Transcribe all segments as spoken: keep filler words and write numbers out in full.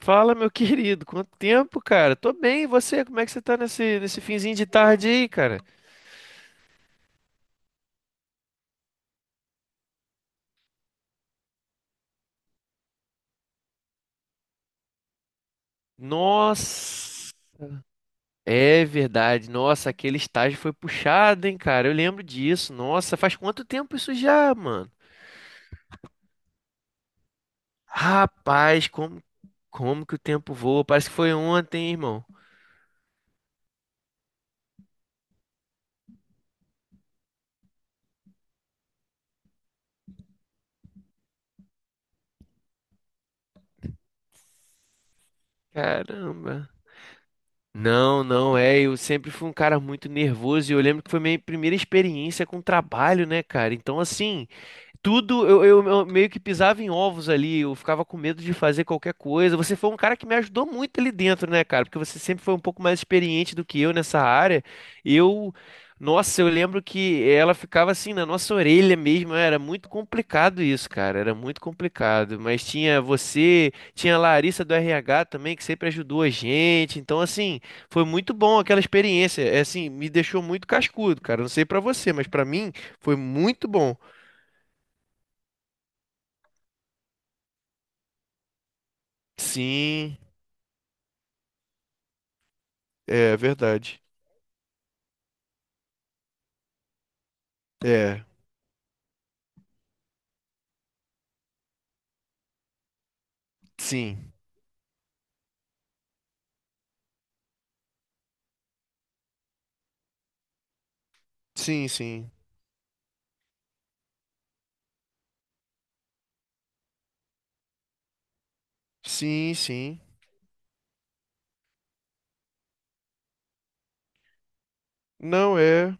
Fala, meu querido, quanto tempo, cara? Tô bem, e você? Como é que você tá nesse, nesse finzinho de tarde aí, cara? Nossa, é verdade. Nossa, aquele estágio foi puxado, hein, cara? Eu lembro disso. Nossa, faz quanto tempo isso já, mano? Rapaz, como, como que o tempo voa? Parece que foi ontem, hein, irmão. Caramba. Não, não, é. Eu sempre fui um cara muito nervoso e eu lembro que foi minha primeira experiência com trabalho, né, cara? Então, assim. Tudo, eu, eu- eu meio que pisava em ovos ali, eu ficava com medo de fazer qualquer coisa. Você foi um cara que me ajudou muito ali dentro, né, cara? Porque você sempre foi um pouco mais experiente do que eu nessa área. Eu, nossa, eu lembro que ela ficava assim na nossa orelha mesmo, era muito complicado isso, cara, era muito complicado. Mas tinha você, tinha a Larissa do R H também, que sempre ajudou a gente. Então, assim, foi muito bom aquela experiência. É, assim, me deixou muito cascudo, cara. Não sei pra você, mas pra mim foi muito bom. Sim, é verdade. É, sim, sim, sim, sim, sim. Não é.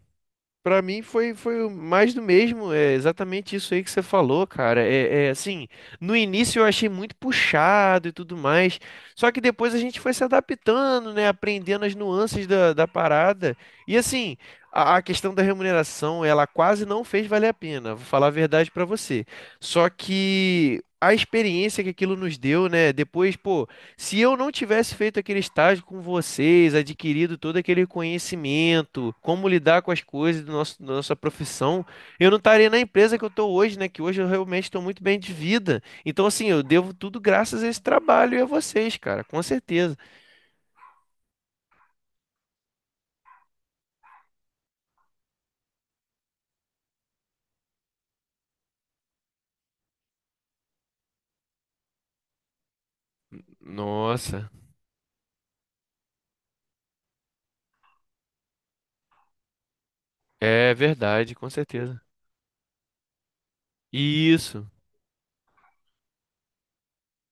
Pra mim foi, foi o mais do mesmo. É exatamente isso aí que você falou, cara. É, é assim, no início eu achei muito puxado e tudo mais. Só que depois a gente foi se adaptando, né? Aprendendo as nuances da, da parada. E assim, a, a questão da remuneração, ela quase não fez valer a pena. Vou falar a verdade pra você. Só que a experiência que aquilo nos deu, né? Depois, pô. Se eu não tivesse feito aquele estágio com vocês, adquirido todo aquele conhecimento, como lidar com as coisas do nosso, da nossa profissão, eu não estaria na empresa que eu estou hoje, né? Que hoje eu realmente estou muito bem de vida. Então, assim, eu devo tudo graças a esse trabalho e a vocês, cara, com certeza. Nossa, é verdade, com certeza. Isso,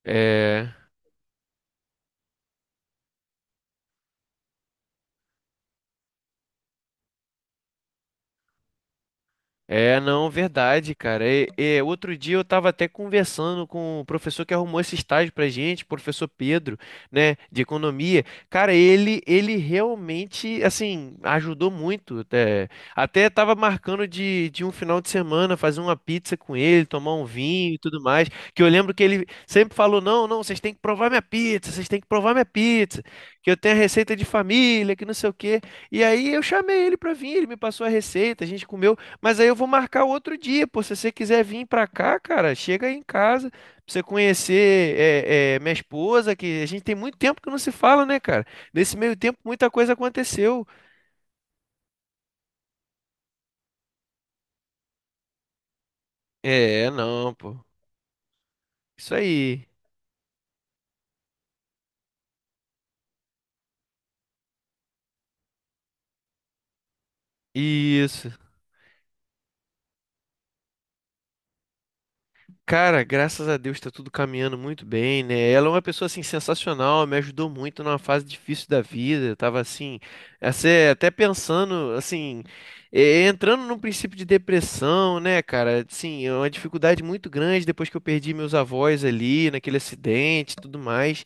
é. É, não, verdade, cara. E, e outro dia eu tava até conversando com o professor que arrumou esse estágio pra gente, professor Pedro, né, de economia. Cara, ele ele realmente, assim, ajudou muito. É. Até tava marcando de, de um final de semana fazer uma pizza com ele, tomar um vinho e tudo mais. Que eu lembro que ele sempre falou: não, não, vocês têm que provar minha pizza, vocês têm que provar minha pizza, que eu tenho a receita de família, que não sei o quê. E aí eu chamei ele pra vir, ele me passou a receita, a gente comeu, mas aí eu vou marcar outro dia, pô. Se você quiser vir pra cá, cara, chega aí em casa pra você conhecer é, é, minha esposa, que a gente tem muito tempo que não se fala, né, cara? Nesse meio tempo, muita coisa aconteceu. É, não, pô. Isso aí. Isso. Cara, graças a Deus tá tudo caminhando muito bem, né? Ela é uma pessoa assim sensacional, me ajudou muito numa fase difícil da vida. Eu tava assim, até até pensando assim, eh, entrando num princípio de depressão, né, cara? Sim, é uma dificuldade muito grande depois que eu perdi meus avós ali naquele acidente, e tudo mais.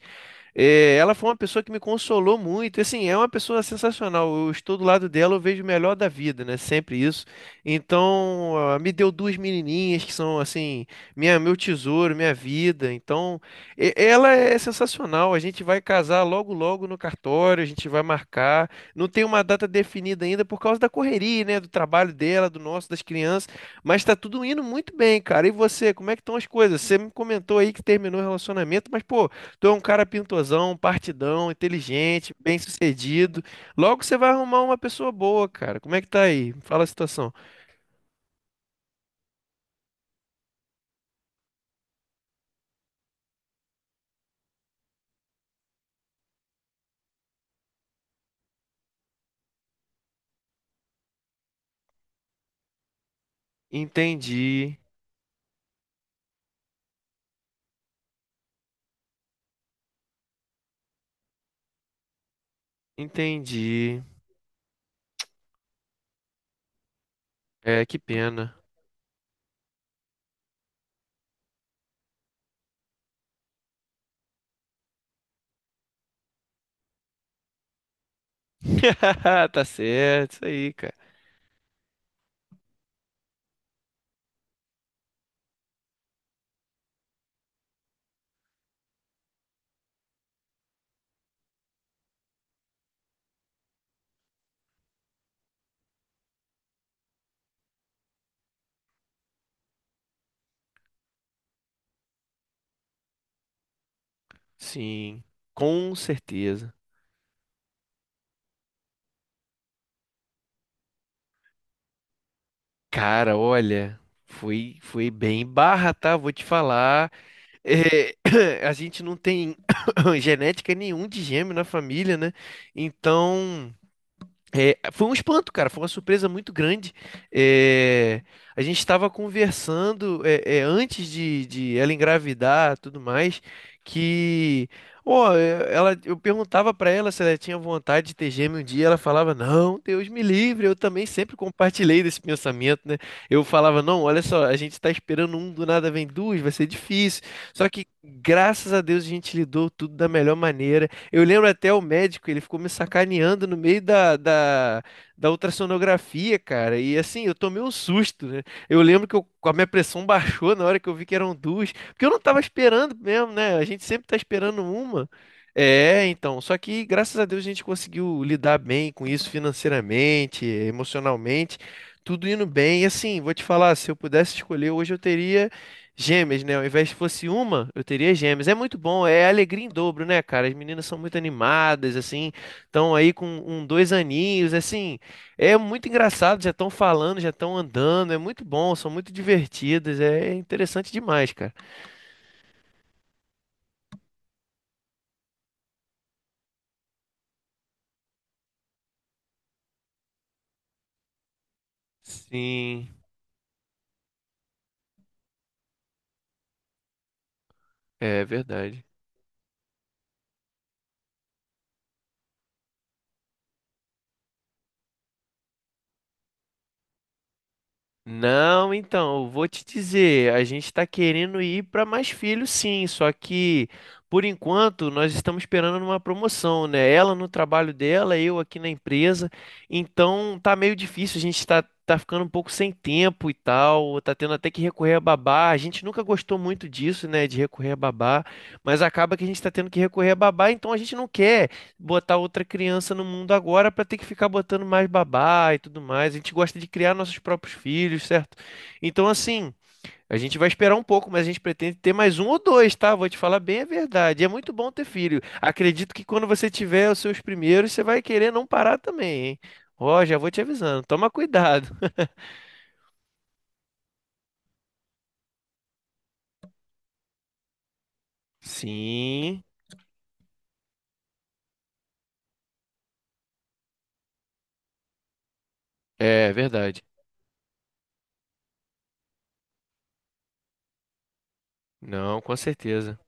É, ela foi uma pessoa que me consolou muito. E, assim, é uma pessoa sensacional. Eu estou do lado dela, eu vejo o melhor da vida, né? Sempre isso. Então, ah, me deu duas menininhas que são, assim, minha, meu tesouro, minha vida. Então, e- ela é sensacional. A gente vai casar logo, logo no cartório. A gente vai marcar. Não tem uma data definida ainda por causa da correria, né? Do trabalho dela, do nosso, das crianças. Mas tá tudo indo muito bem, cara. E você, como é que estão as coisas? Você me comentou aí que terminou o relacionamento, mas, pô. Tu é um cara pintozão, partidão, inteligente, bem-sucedido. Logo você vai arrumar uma pessoa boa, cara. Como é que tá aí? Me fala a situação. Entendi, entendi. É, que pena. Tá certo, isso aí, cara. Sim, com certeza. Cara, olha, foi, foi bem barra, tá? Vou te falar. É, a gente não tem genética nenhum de gêmeo na família, né? Então. É, foi um espanto, cara. Foi uma surpresa muito grande. É, a gente estava conversando é, é, antes de, de ela engravidar, tudo mais, que, ó, é, ela, eu perguntava para ela se ela tinha vontade de ter gêmeo um dia. Ela falava, não, Deus me livre. Eu também sempre compartilhei desse pensamento, né? Eu falava, não, olha só, a gente está esperando um, do nada vem duas, vai ser difícil. Só que graças a Deus a gente lidou tudo da melhor maneira. Eu lembro até o médico, ele ficou me sacaneando no meio da, da, da ultrassonografia, cara. E assim, eu tomei um susto, né? Eu lembro que eu- a minha pressão baixou na hora que eu vi que eram duas, porque eu não tava esperando mesmo, né? A gente sempre tá esperando uma. É, então, só que graças a Deus a gente conseguiu lidar bem com isso financeiramente, emocionalmente, tudo indo bem. E assim, vou te falar, se eu pudesse escolher, hoje eu teria gêmeas, né? Ao invés de fosse uma, eu teria gêmeas. É muito bom, é alegria em dobro, né, cara? As meninas são muito animadas, assim, estão aí com um, dois aninhos, assim, é muito engraçado, já estão falando, já estão andando, é muito bom, são muito divertidas, é interessante demais, cara. Sim, é verdade. Não, então, eu vou te dizer, a gente está querendo ir para mais filhos, sim, só que por enquanto nós estamos esperando uma promoção, né? Ela no trabalho dela, eu aqui na empresa, então tá meio difícil, a gente tá, tá ficando um pouco sem tempo e tal, tá tendo até que recorrer a babá. A gente nunca gostou muito disso, né, de recorrer a babá, mas acaba que a gente tá tendo que recorrer a babá, então a gente não quer botar outra criança no mundo agora para ter que ficar botando mais babá e tudo mais. A gente gosta de criar nossos próprios filhos, certo? Então, assim, a gente vai esperar um pouco, mas a gente pretende ter mais um ou dois, tá? Vou te falar bem a verdade. É muito bom ter filho. Acredito que quando você tiver os seus primeiros, você vai querer não parar também, hein? Ó, já vou te avisando. Toma cuidado. Sim, é verdade. Não, com certeza.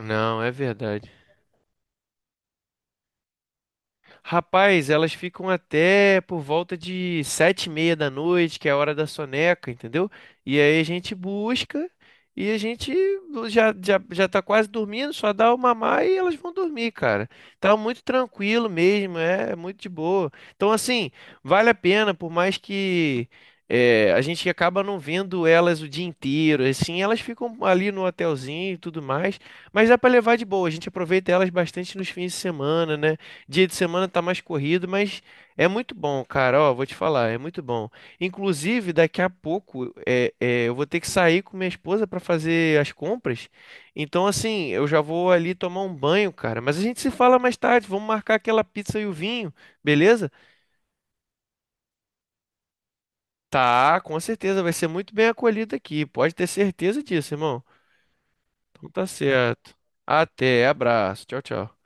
Não, é verdade. Rapaz, elas ficam até por volta de sete e meia da noite, que é a hora da soneca, entendeu? E aí a gente busca e a gente já, já, já tá quase dormindo, só dá o mamar e elas vão dormir, cara. Tá muito tranquilo mesmo, é é muito de boa. Então, assim, vale a pena, por mais que é, a gente acaba não vendo elas o dia inteiro, assim, elas ficam ali no hotelzinho e tudo mais, mas dá pra levar de boa. A gente aproveita elas bastante nos fins de semana, né? Dia de semana tá mais corrido, mas é muito bom, cara. Ó, vou te falar, é muito bom. Inclusive, daqui a pouco é, é, eu vou ter que sair com minha esposa para fazer as compras. Então, assim, eu já vou ali tomar um banho, cara. Mas a gente se fala mais tarde. Vamos marcar aquela pizza e o vinho, beleza? Tá, com certeza. Vai ser muito bem acolhido aqui. Pode ter certeza disso, irmão. Então tá certo. Até, abraço. Tchau, tchau.